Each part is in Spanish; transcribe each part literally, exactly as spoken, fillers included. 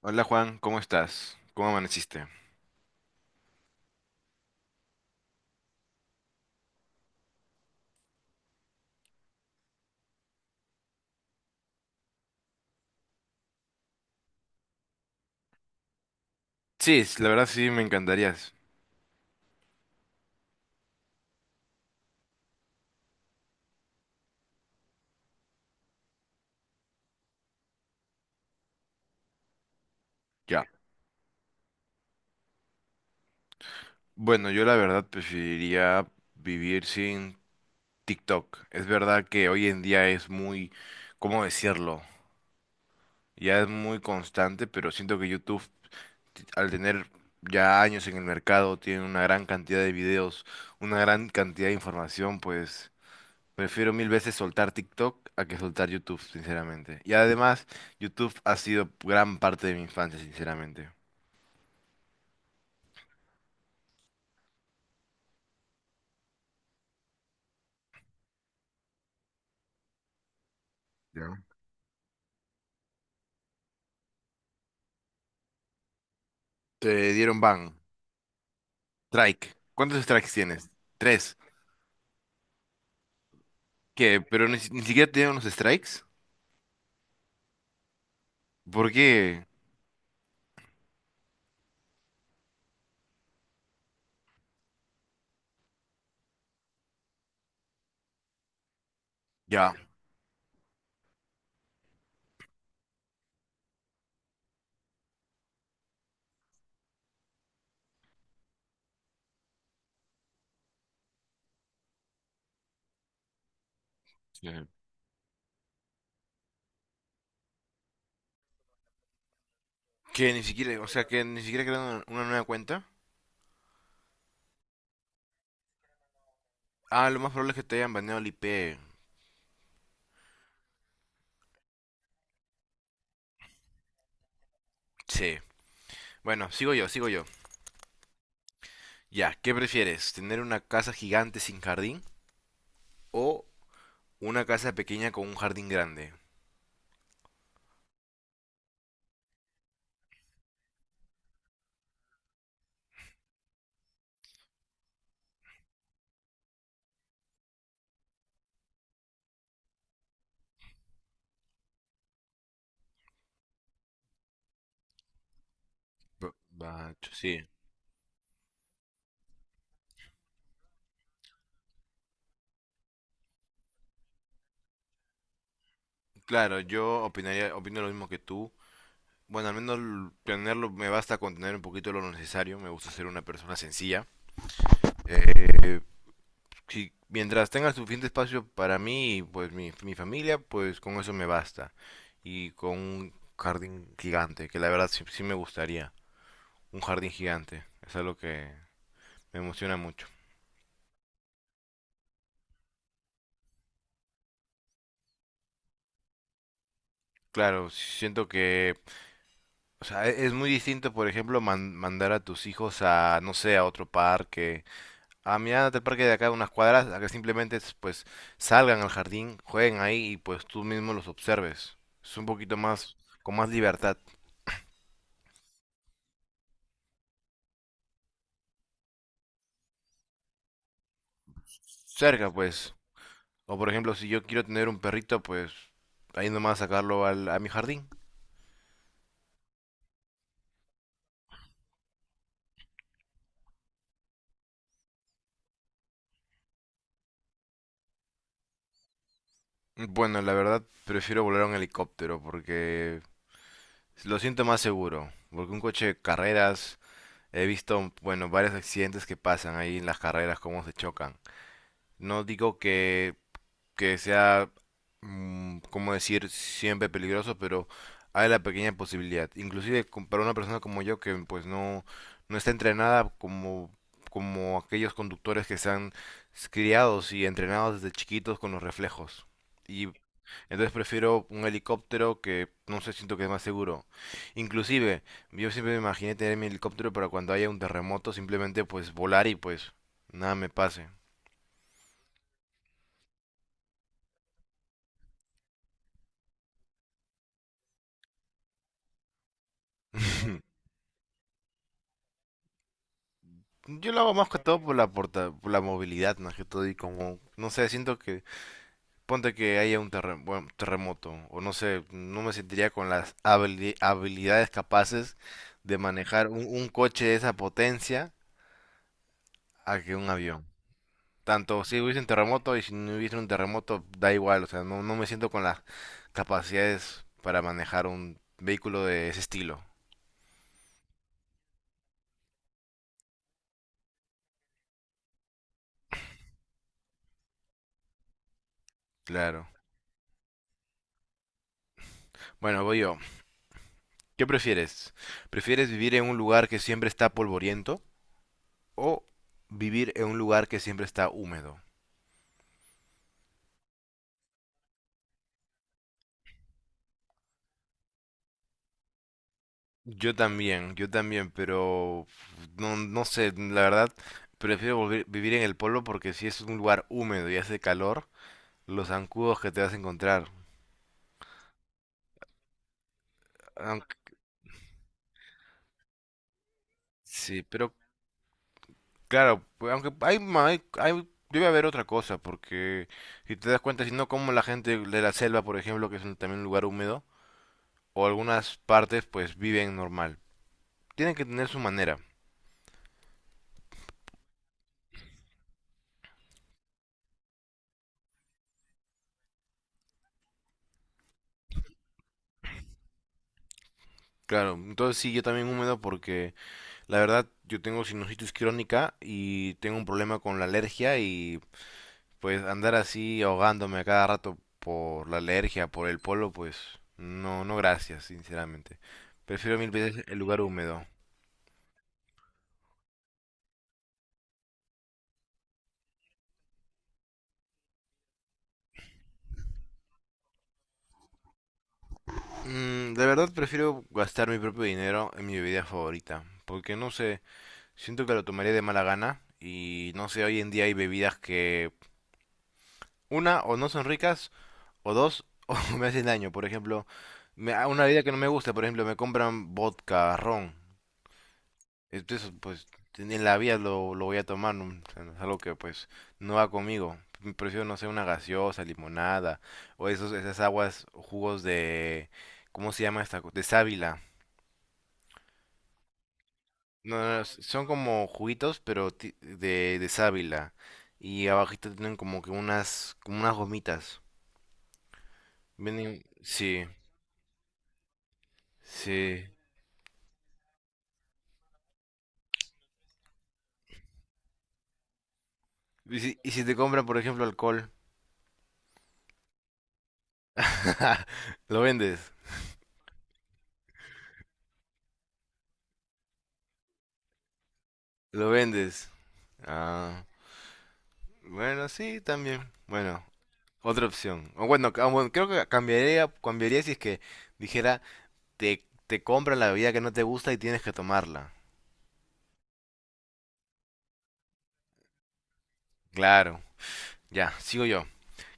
Hola Juan, ¿cómo estás? ¿Cómo amaneciste? Sí, s- la verdad sí me encantaría. Ya. Bueno, yo la verdad preferiría vivir sin TikTok. Es verdad que hoy en día es muy, ¿cómo decirlo? Ya es muy constante, pero siento que YouTube, t- al tener ya años en el mercado, tiene una gran cantidad de videos, una gran cantidad de información, pues prefiero mil veces soltar TikTok a que soltar YouTube, sinceramente. Y además, YouTube ha sido gran parte de mi infancia, sinceramente. Ya. Te dieron ban. Strike. ¿Cuántos strikes tienes? Tres. ¿Qué? ¿Pero ni, si- ni siquiera tienen unos strikes? ¿Por qué? Ya. Sí. Que ni siquiera, o sea, que ni siquiera crearon una, una nueva cuenta. Ah, lo más probable es que te hayan baneado el I P. Sí. Bueno, sigo yo, sigo yo. Ya, ¿qué prefieres? ¿Tener una casa gigante sin jardín o una casa pequeña con un jardín grande? Pero, ah, ch- sí. Claro, yo opinaría, opino lo mismo que tú. Bueno, al menos l- tenerlo me basta con tener un poquito de lo necesario. Me gusta ser una persona sencilla. Eh, si, mientras tenga suficiente espacio para mí y pues mi, mi familia, pues con eso me basta. Y con un jardín gigante, que la verdad sí, sí me gustaría. Un jardín gigante. Es algo que me emociona mucho. Claro, siento que, o sea, e- es muy distinto, por ejemplo, man- mandar a tus hijos a, no sé, a otro parque. A mi edad, del parque de acá, unas cuadras, a que simplemente es, pues salgan al jardín, jueguen ahí y pues tú mismo los observes. Es un poquito más, con más libertad. Cerca, pues. O por ejemplo, si yo quiero tener un perrito, pues ahí nomás sacarlo al- a mi jardín. Bueno, la verdad, prefiero volar en helicóptero porque lo siento más seguro. Porque un coche de carreras, he visto, bueno, varios accidentes que pasan ahí en las carreras, cómo se chocan. No digo que que sea, mm, cómo decir, siempre peligroso, pero hay la pequeña posibilidad. Inclusive con- para una persona como yo que pues no, no está entrenada como, como aquellos conductores que están criados y entrenados desde chiquitos con los reflejos. Y entonces prefiero un helicóptero que no sé, siento que es más seguro. Inclusive, yo siempre me imaginé tener mi helicóptero para cuando haya un terremoto, simplemente pues volar y pues nada me pase. Yo lo hago más que todo por la porta- por la movilidad, más que todo, y como, no sé, siento que, ponte que haya un terre- bueno, terremoto, o no sé, no me sentiría con las habili- habilidades capaces de manejar un, un coche de esa potencia a que un avión. Tanto si hubiese un terremoto y si no hubiese un terremoto, da igual, o sea, no, no me siento con las capacidades para manejar un vehículo de ese estilo, claro. Bueno, voy yo. ¿Qué prefieres? ¿Prefieres vivir en un lugar que siempre está polvoriento o vivir en un lugar que siempre está húmedo? Yo también, yo también, pero no, no sé, la verdad, prefiero volver- vivir en el pueblo porque si es un lugar húmedo y hace calor, los zancudos que te vas a encontrar. Aunque, sí, pero claro, pues, aunque hay, ma- hay, hay- debe haber otra cosa, porque si te das cuenta, si no como la gente de la selva, por ejemplo, que es un- también un lugar húmedo, o algunas partes, pues viven normal. Tienen que tener su manera. Claro, entonces sí, yo también húmedo porque la verdad, yo tengo sinusitis crónica y tengo un problema con la alergia y pues andar así ahogándome a cada rato por la alergia, por el polo, pues no, no gracias, sinceramente. Prefiero mil veces el lugar húmedo. Mm, de verdad prefiero gastar mi propio dinero en mi bebida favorita, porque no sé, siento que lo tomaría de mala gana y no sé, hoy en día hay bebidas que una o no son ricas o dos o me hacen daño. Por ejemplo, me, a una bebida que no me gusta, por ejemplo, me compran vodka, ron. Entonces, pues en la vida lo, lo voy a tomar, ¿no? O sea, no es algo que pues no va conmigo. Prefiero, no sé, una gaseosa, limonada o esos, esas aguas, jugos de... ¿Cómo se llama esta? Co- de sábila. No, no, no, son como juguitos, pero ti- de, de sábila. Y abajito tienen como que unas, como unas gomitas. Vienen, sí, sí, ¿y si, y si te compran, por ejemplo, alcohol? Lo vendes, lo vendes. Ah, bueno, sí, también. Bueno, otra opción. O bueno, ca- bueno, creo que cambiaría, cambiaría si es que dijera, te, te compran la bebida que no te gusta y tienes que tomarla. Claro, ya, sigo yo.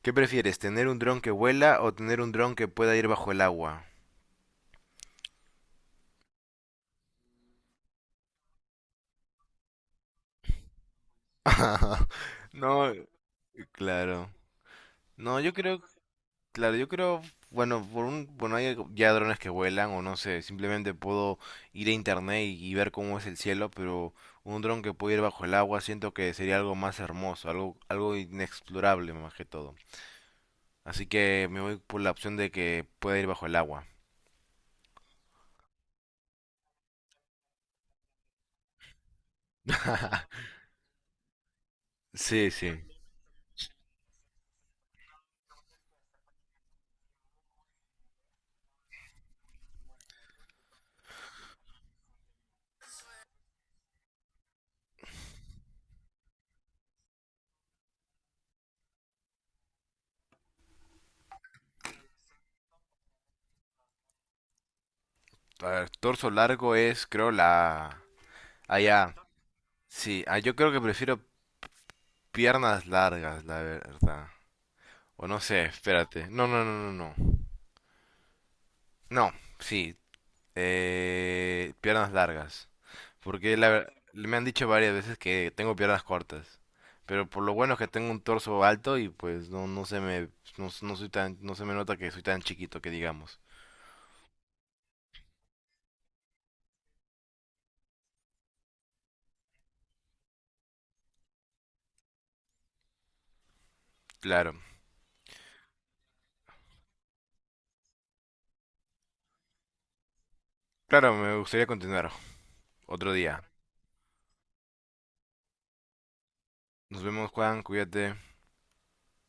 ¿Qué prefieres, tener un dron que vuela o tener un dron que pueda ir bajo el agua? No, claro. No, yo creo, claro, yo creo, bueno, por un, bueno, hay ya drones que vuelan o no sé, simplemente puedo ir a internet y, y ver cómo es el cielo, pero un dron que puede ir bajo el agua siento que sería algo más hermoso, algo, algo inexplorable más que todo. Así que me voy por la opción de que pueda ir bajo el agua. Sí, sí. A ver, torso largo es, creo, la... Allá. Sí, ah, yo creo que prefiero piernas largas, la verdad. O no sé, espérate. No, no, no, no, no. No, sí, Eh, piernas largas. Porque la ver- me han dicho varias veces que tengo piernas cortas. Pero por lo bueno es que tengo un torso alto y pues no, no se me, no, no soy tan, no se me nota que soy tan chiquito que digamos. Claro. Claro, me gustaría continuar otro día. Nos vemos, Juan, cuídate.